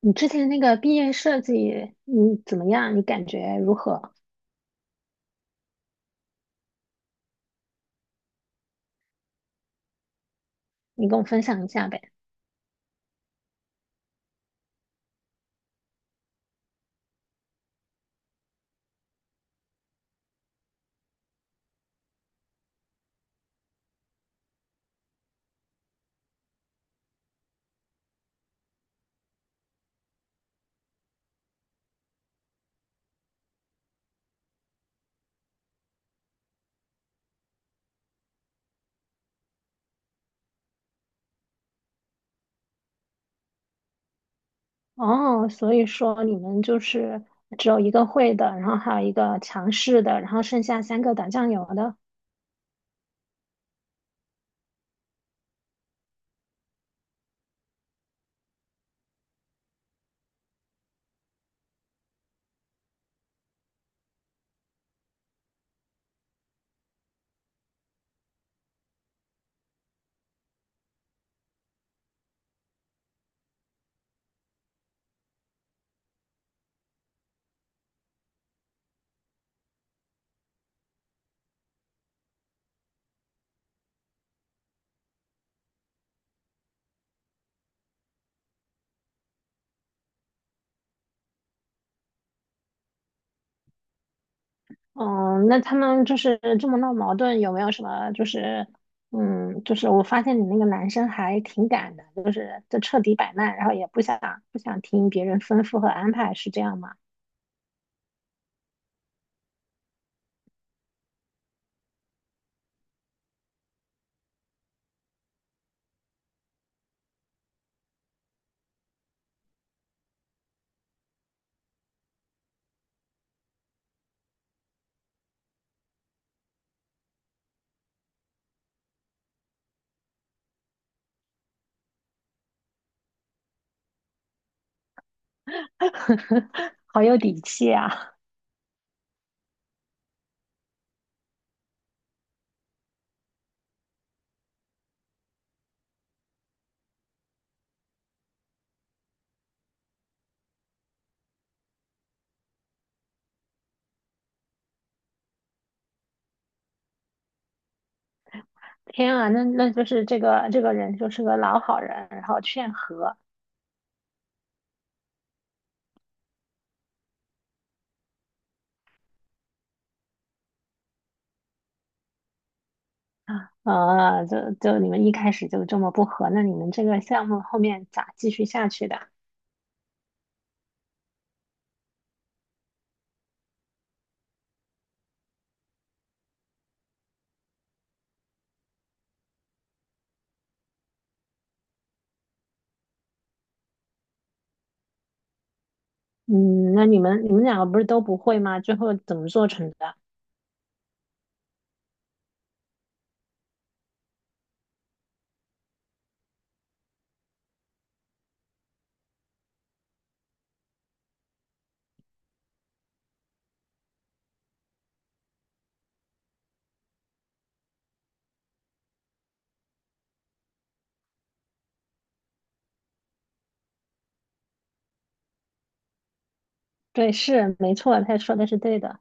你之前那个毕业设计，你怎么样？你感觉如何？你跟我分享一下呗。哦，所以说你们就是只有一个会的，然后还有一个强势的，然后剩下三个打酱油的。哦，那他们就是这么闹矛盾，有没有什么就是，嗯，就是我发现你那个男生还挺敢的，就彻底摆烂，然后也不想听别人吩咐和安排，是这样吗？好有底气啊！天啊，那就是这个人就是个老好人，然后劝和。啊，就你们一开始就这么不和，那你们这个项目后面咋继续下去的？嗯，那你们两个不是都不会吗？最后怎么做成的？对，是没错，他说的是对的。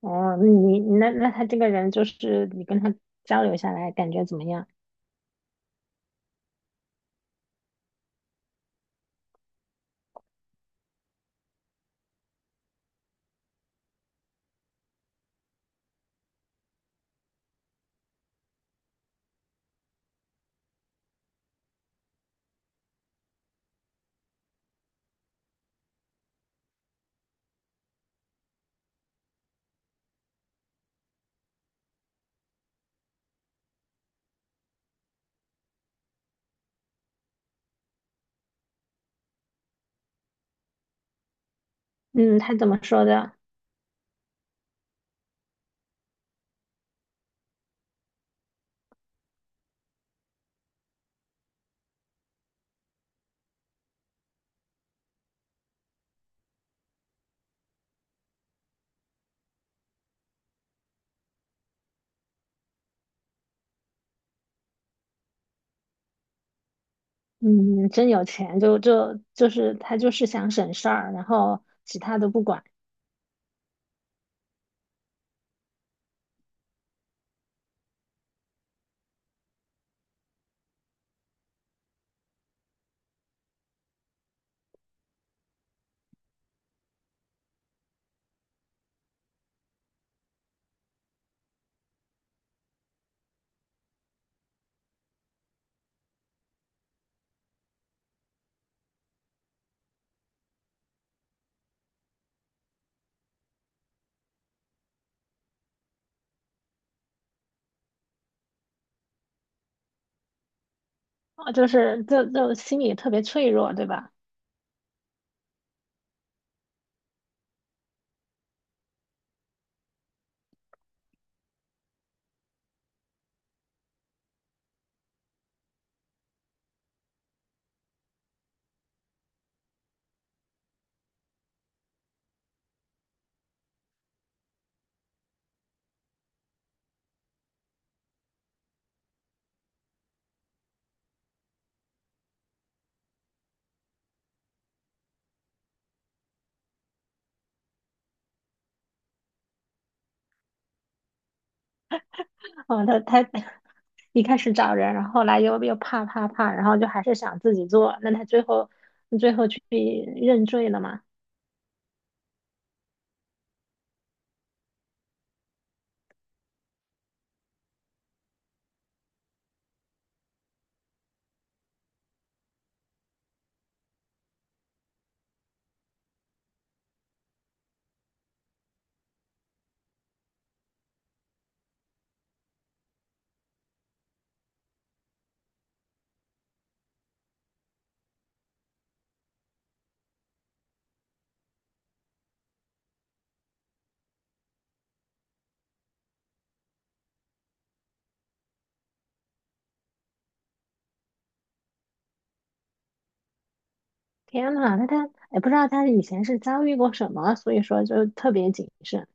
哦，那你他这个人就是你跟他交流下来感觉怎么样？嗯，他怎么说的？嗯，真有钱，就他就是想省事儿，然后其他都不管。哦，就是心里特别脆弱，对吧？哦，他 一开始找人，然后后来又怕，然后就还是想自己做。那他最后去认罪了嘛？天呐，那他也不知道他以前是遭遇过什么，所以说就特别谨慎。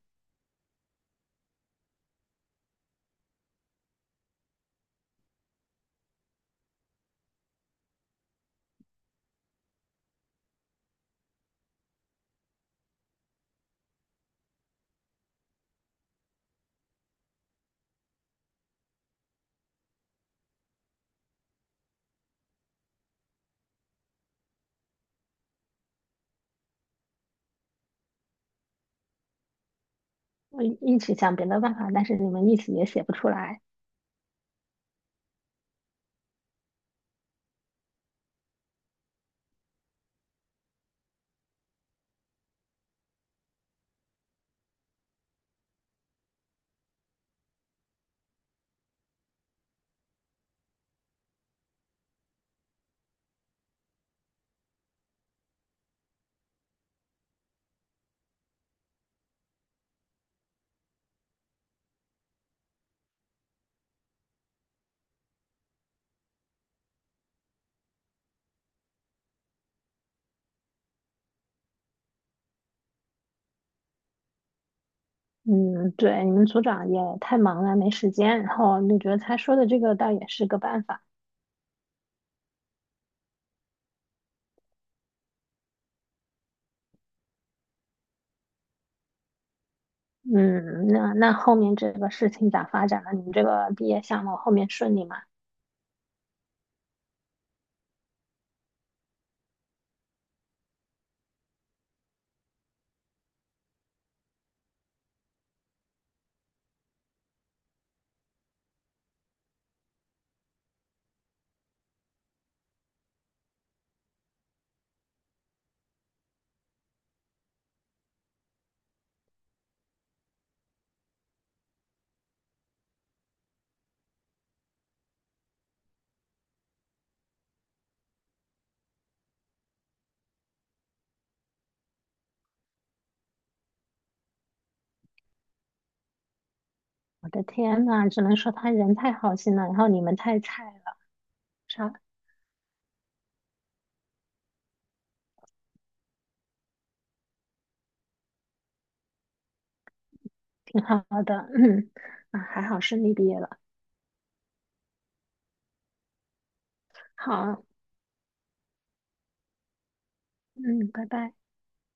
我一起想别的办法，但是你们一起也写不出来。嗯，对，你们组长也太忙了，没时间。然后你觉得他说的这个倒也是个办法。嗯，那那后面这个事情咋发展了？你们这个毕业项目后面顺利吗？我的天呐，只能说他人太好心了，然后你们太菜了，啥挺好的，嗯，啊，还好顺利毕业了，好，嗯，拜拜。